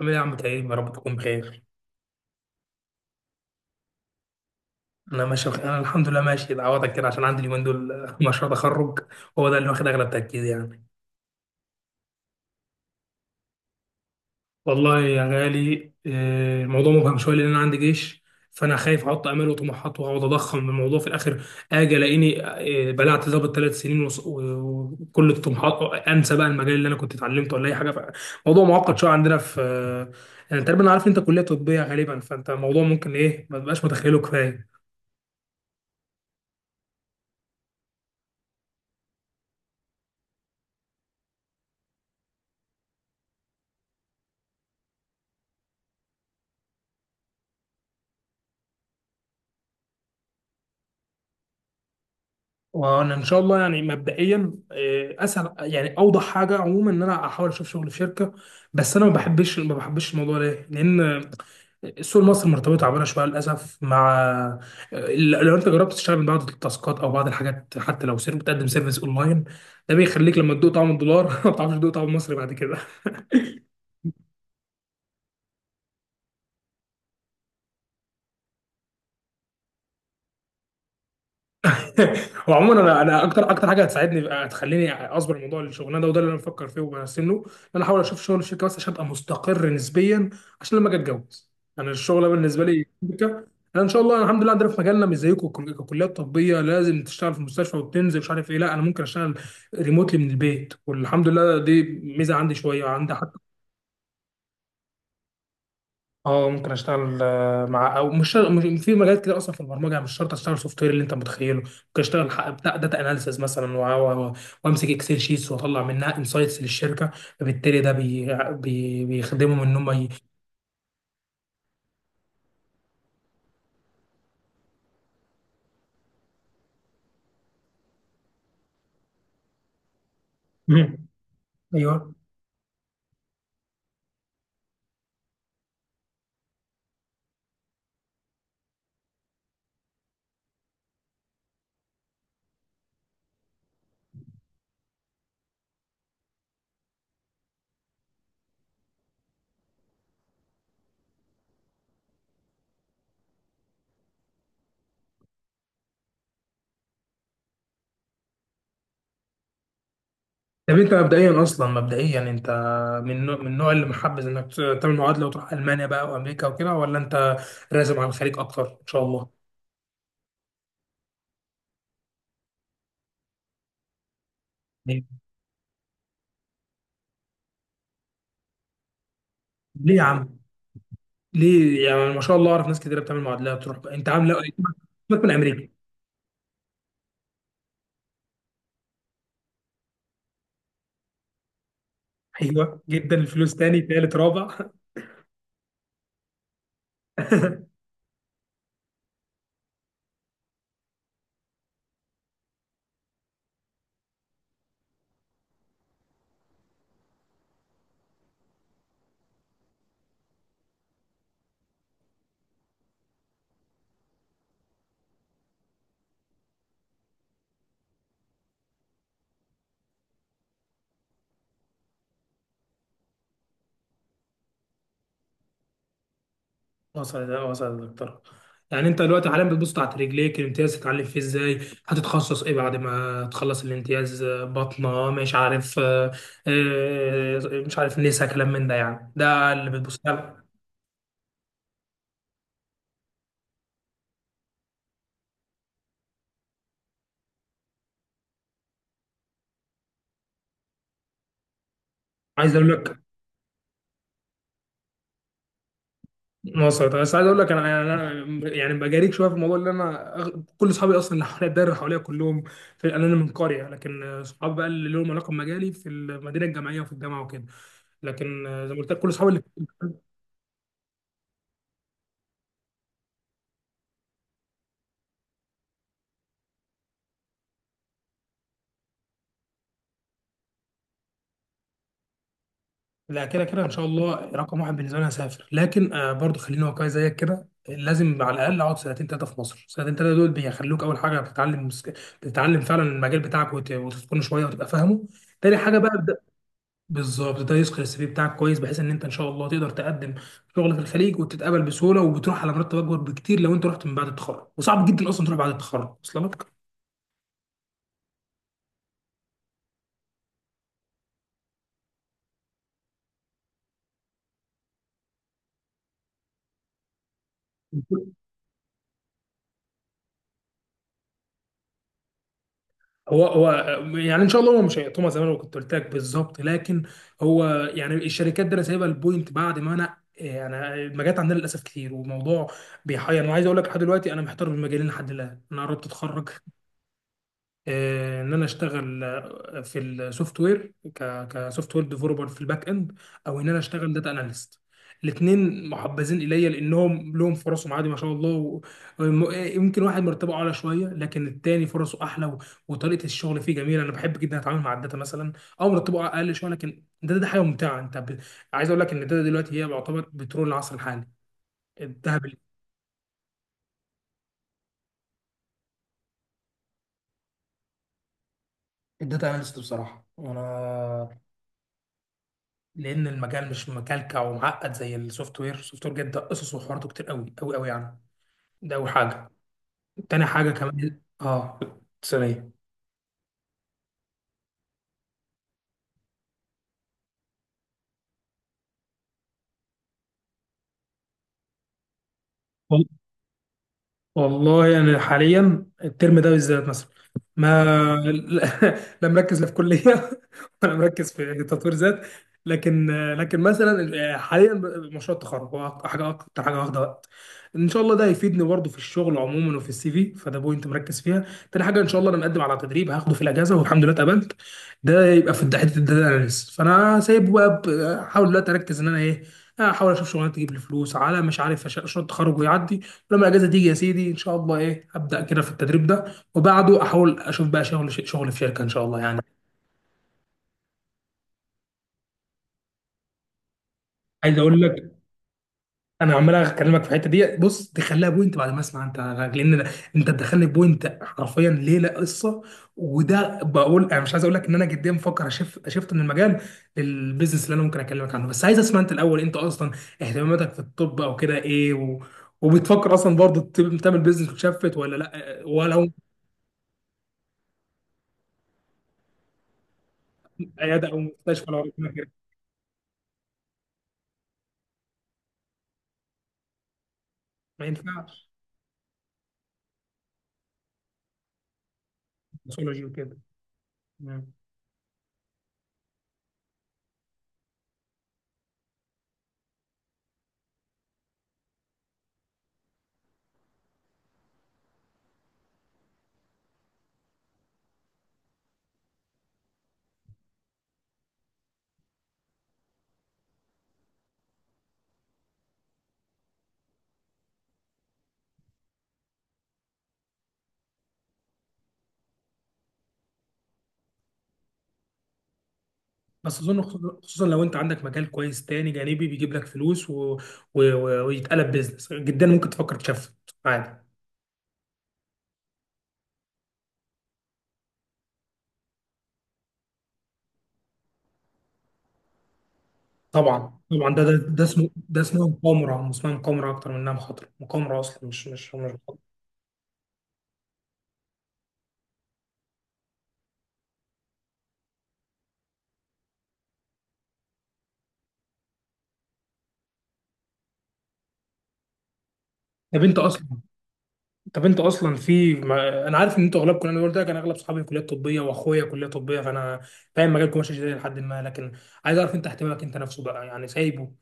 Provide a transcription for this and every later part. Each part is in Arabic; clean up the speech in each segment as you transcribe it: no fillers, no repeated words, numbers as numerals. عامل ايه يا عم تعيب؟ يا رب تكون بخير. انا ماشي بخير. انا الحمد لله ماشي اتعوضك كده عشان عندي اليومين دول. مشروع تخرج هو ده اللي واخد اغلب تركيزي يعني. والله يا غالي، الموضوع مبهم شويه لان انا عندي جيش، فانا خايف احط امال وطموحات واقعد اضخم الموضوع في الاخر اجي الاقيني بلعت ظابط 3 سنين وكل الطموحات انسى بقى المجال اللي انا كنت اتعلمته ولا اي حاجه. موضوع معقد شويه عندنا في آه، يعني تقريبا أنا عارف إن انت كليه طبيه غالبا، فانت الموضوع ممكن ايه ما تبقاش متخيله كفايه. وانا ان شاء الله يعني مبدئيا، اسهل يعني اوضح حاجه عموما ان انا احاول اشوف شغل في شركه، بس انا ما بحبش الموضوع ده. ليه؟ لان السوق المصري مرتبطه تعبانه شويه للاسف مع، آه، لو انت جربت تشتغل من بعض التاسكات او بعض الحاجات، حتى لو سير بتقدم سيرفيس اونلاين، ده بيخليك لما تدوق طعم الدولار ما بتعرفش تدوق طعم المصري بعد كده. وعموما انا اكتر حاجه هتساعدني هتخليني اصبر موضوع الشغلانه ده، وده اللي انا بفكر فيه وبرسم له، ان انا احاول اشوف شغل الشركه بس عشان ابقى مستقر نسبيا، عشان لما اجي اتجوز. انا الشغله بالنسبه لي شركه. انا ان شاء الله الحمد لله عندنا في مجالنا مش زيكم، ككليات طبيه لازم تشتغل في المستشفى وتنزل مش عارف ايه، لا انا ممكن اشتغل ريموتلي من البيت، والحمد لله دي ميزه عندي شويه عندي. اه ممكن اشتغل مع او مش في مجالات كده اصلا في البرمجه، يعني مش شرط اشتغل سوفت وير اللي انت متخيله، ممكن اشتغل بتاع داتا اناليسز مثلا، وامسك اكسل شيتس واطلع منها انسايتس للشركه. فبالتالي ده بي بي بيخدمهم ان هم ي... مم. ايوه. طب انت مبدئيا اصلا يعني انت من النوع اللي محبذ انك تعمل معادله وتروح المانيا بقى وامريكا وكده، ولا انت راسم على الخليج اكتر ان شاء الله؟ ليه؟ ليه يا عم؟ ليه يعني؟ ما شاء الله اعرف ناس كتير بتعمل معادلات تروح بقى، انت عامل سيبك من امريكا. ايوه جدا، الفلوس تاني تالت رابع. وصل وصل يا دكتور. يعني انت دلوقتي حاليا بتبص تحت رجليك الامتياز تتعلم فيه ازاي، هتتخصص ايه بعد ما تخلص الامتياز، بطنه مش عارف، آه، مش عارف نسا كلام من ده، يعني ده اللي بتبص له. عايز اقول لك مصر طب، بس عايز اقول لك انا يعني بجاريك شويه في الموضوع اللي كل اصحابي اصلا اللي حواليا الدايره اللي حواليا كلهم في، انا من قريه لكن صحابي بقى اللي لهم علاقه بمجالي في المدينه الجامعيه وفي الجامعه وكده، لكن زي ما قلت لك كل اصحابي اللي، لا كده كده ان شاء الله رقم 1 بالنسبه لي أنا هسافر، لكن برضه خليني واقعي زيك كده، لازم على الاقل اقعد 2 3 سنين في مصر. 2 3 سنين دول بيخلوك اول حاجه بتتعلم، تتعلم فعلا المجال بتاعك وتتقنه شويه وتبقى فاهمه. تاني حاجه بقى، بالظبط ده يسقي السي في بتاعك كويس، بحيث ان انت ان شاء الله تقدر تقدم شغل في الخليج وتتقبل بسهوله، وبتروح على مرتب اكبر بكتير لو انت رحت من بعد التخرج، وصعب جدا اصلا تروح بعد التخرج اصلا لك. هو هو يعني ان شاء الله هو مش هيقطمها زي ما انا كنت قلت لك بالظبط، لكن هو يعني الشركات دي انا سايبها البوينت، بعد ما انا يعني المجالات عندنا للاسف كتير وموضوع بيحير. انا عايز اقول لك لحد دلوقتي انا محتار بين مجالين لحد الان، انا قربت اتخرج. ان انا اشتغل في السوفت وير كسوفت وير ديفلوبر في الباك اند، او ان انا اشتغل داتا اناليست. الاثنين محبذين الي لانهم لهم فرصهم عادي ما شاء الله، يمكن واحد مرتبه اعلى شويه لكن التاني فرصه احلى، وطريقه الشغل فيه جميله، انا بحب جدا اتعامل مع الداتا مثلا، او مرتبه اقل شويه لكن ده حاجه ممتعه انت ب... عايز اقول لك ان الداتا دلوقتي هي يعتبر بترول العصر الحالي، الذهب. الداتا اناليست بصراحه. وانا لان المجال مش مكلكع ومعقد زي السوفت وير، السوفت وير جدا قصص وحواراته كتير قوي قوي قوي يعني، ده اول حاجه. تاني حاجه كمان اه، ثانيه. والله انا حاليا الترم ده بالذات مثلا ما لا مركز لا في كليه، ولا مركز في تطوير ذات، لكن، لكن مثلا حاليا مشروع التخرج هو حاجه اكتر حاجه واخده وقت. ان شاء الله ده هيفيدني برضه في الشغل عموما وفي السي في، فده بوينت مركز فيها. تاني حاجه ان شاء الله انا مقدم على تدريب هاخده في الاجازه، والحمد لله اتقبلت، ده يبقى في حته الداتا اناليست. فانا سايبه بقى، احاول دلوقتي اركز ان انا ايه، احاول اشوف شغلانه تجيب لي فلوس على مش عارف مشروع التخرج ويعدي. لما الاجازه تيجي يا سيدي ان شاء الله ايه، ابدا كده في التدريب ده، وبعده احاول اشوف بقى شغل في شركه ان شاء الله يعني. عايز اقول لك انا عمال اكلمك في الحته دي، بص تخليها بوينت بعد ما اسمع انت، لان انت تدخلني بوينت حرفيا ليله قصه، وده بقول انا مش عايز اقول لك ان انا جديا بفكر اشف شفت من المجال للبيزنس، اللي انا ممكن اكلمك عنه، بس عايز اسمع انت الاول. انت اصلا اهتماماتك في الطب او كده ايه، و... وبتفكر اصلا برضه تعمل بيزنس وتشفت ولا لا ولا؟ عياده او مستشفى لو ربنا كده. ما ينفعش. باثولوجي وكده. مم. بس اظن خصوصا لو انت عندك مجال كويس تاني جانبي بيجيب لك فلوس و... و... ويتقلب بيزنس، جدا ممكن تفكر تشفت عادي. طبعا طبعا، ده اسمه، ده اسمه مقامره، اسمها مقامره اكتر من انها مخاطره، مقامره اصلا مش مخاطرة. طب انت اصلا طب انت اصلا في ما... انا عارف ان انتوا اغلبكم، انا قلت لك انا اغلب صحابي كليات طبيه واخويا كليه طبيه، فانا فاهم مجالكم ماشي ازاي لحد ما، لكن عايز اعرف انت اهتمامك انت نفسه بقى، يعني سايبه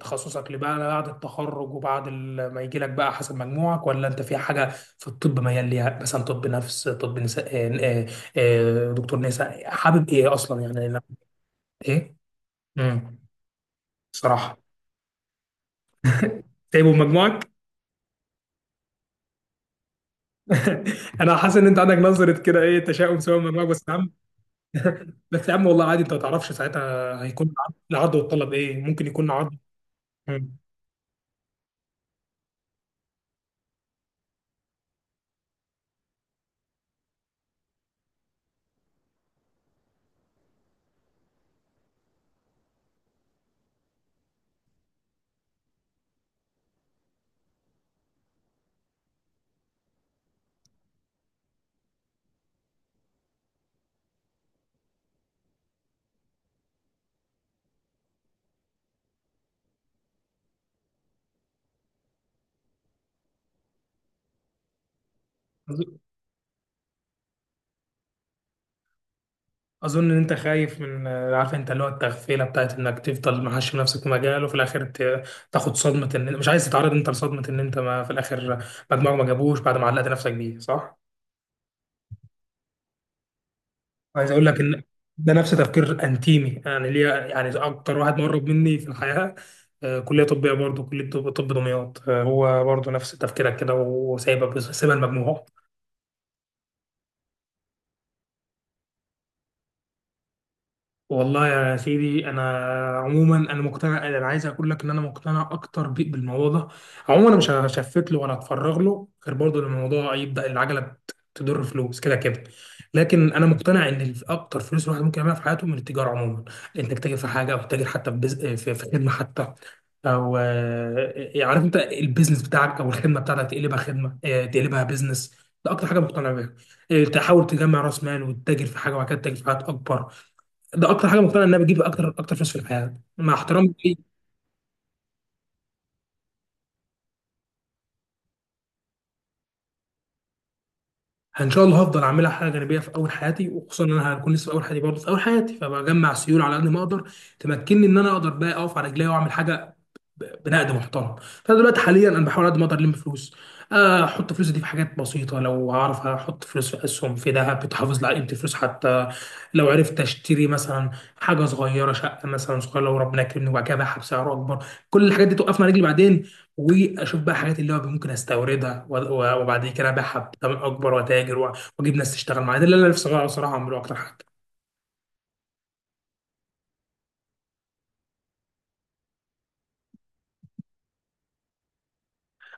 تخصصك لبقى بعد التخرج، وبعد ما يجي لك بقى حسب مجموعك، ولا انت في حاجه في الطب ميال ليها مثلا، طب نفس، طب نساء، دكتور نساء حابب ايه اصلا يعني لا. ايه؟ امم، صراحه، سايبه بمجموعك. انا حاسس ان انت عندك نظره كده ايه، تشاؤم سواء من مجموعك بس. بس يا عم والله عادي، انت ما تعرفش ساعتها هيكون العرض، العرض والطلب ايه، ممكن يكون عرض. مم. أظ- اظن ان انت خايف من، عارف انت اللي هو التغفيله بتاعت انك تفضل محشي نفسك في مجال وفي الاخر تاخد صدمه، ان مش عايز تتعرض انت لصدمه ان انت ما في الاخر مجموعك ما جابوش بعد ما علقت نفسك بيه، صح؟ عايز اقول لك ان ده نفس تفكير انتيمي يعني ليا، يعني اكتر واحد مقرب مني في الحياه، كليه طبيه برضه، كليه طب، طب دمياط، هو برضه نفس تفكيرك كده، وسايبك سايبها المجموع. والله يا سيدي انا عموما انا مقتنع، انا عايز اقول لك ان انا مقتنع اكتر بيك بالموضوع ده. عموما انا مش هشفت له ولا هتفرغ له غير برضه لما الموضوع يبدا العجله تضر فلوس كده كده. لكن انا مقتنع ان اكتر فلوس الواحد ممكن يعملها في حياته من التجاره عموما، انك تاجر في حاجه او تاجر حتى في بز... في خدمه حتى، او عارف انت البيزنس بتاعك او الخدمه بتاعتك تقلبها خدمه، تقلبها بيزنس. ده اكتر حاجه مقتنع بيها، تحاول تجمع راس مال وتتاجر في حاجه وبعد كده تتاجر في حاجات اكبر. ده اكتر حاجه مقتنع ان انا بجيب اكتر فلوس في الحياه مع احترامي ليه. يعني ان شاء الله هفضل اعملها حاجه جانبيه في اول حياتي، وخصوصا ان انا هكون لسه في اول حياتي برضه في اول حياتي، فبجمع سيوله على قد ما اقدر تمكنني ان انا اقدر بقى اقف على رجلي واعمل حاجه بنقد محترم. فانا دلوقتي حاليا انا بحاول قد ما اقدر الم فلوس، احط فلوسي دي في حاجات بسيطه، لو اعرف احط فلوس في اسهم، في ذهب بتحافظ على قيمه الفلوس، حتى لو عرفت اشتري مثلا حاجه صغيره، شقه مثلا صغيره لو ربنا كرمني وبعد كده ابيعها بسعر اكبر، كل الحاجات دي توقفنا على رجلي بعدين. واشوف بقى حاجات اللي هو ممكن استوردها وبعد كده ابيعها بثمن اكبر واتاجر واجيب ناس تشتغل معايا. ده اللي انا نفسي أغيره صراحه اعمله اكتر حاجه.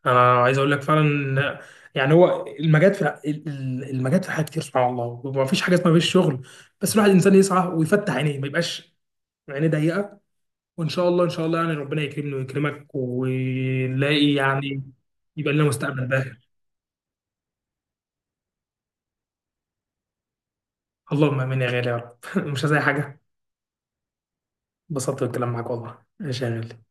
انا عايز اقول لك فعلا إن، يعني هو المجال في المجال في حاجات كتير سبحان الله، وما فيش حاجه اسمها مفيش شغل، بس الواحد الانسان يسعى ويفتح عينيه، ما يبقاش عينيه ضيقه. وان شاء الله ان شاء الله يعني ربنا يكرمني ويكرمك ونلاقي يعني، يبقى لنا مستقبل باهر. اللهم امين يا غالي يا رب. مش عايز اي حاجه. انبسطت بالكلام معاك والله، ماشي يا غالي.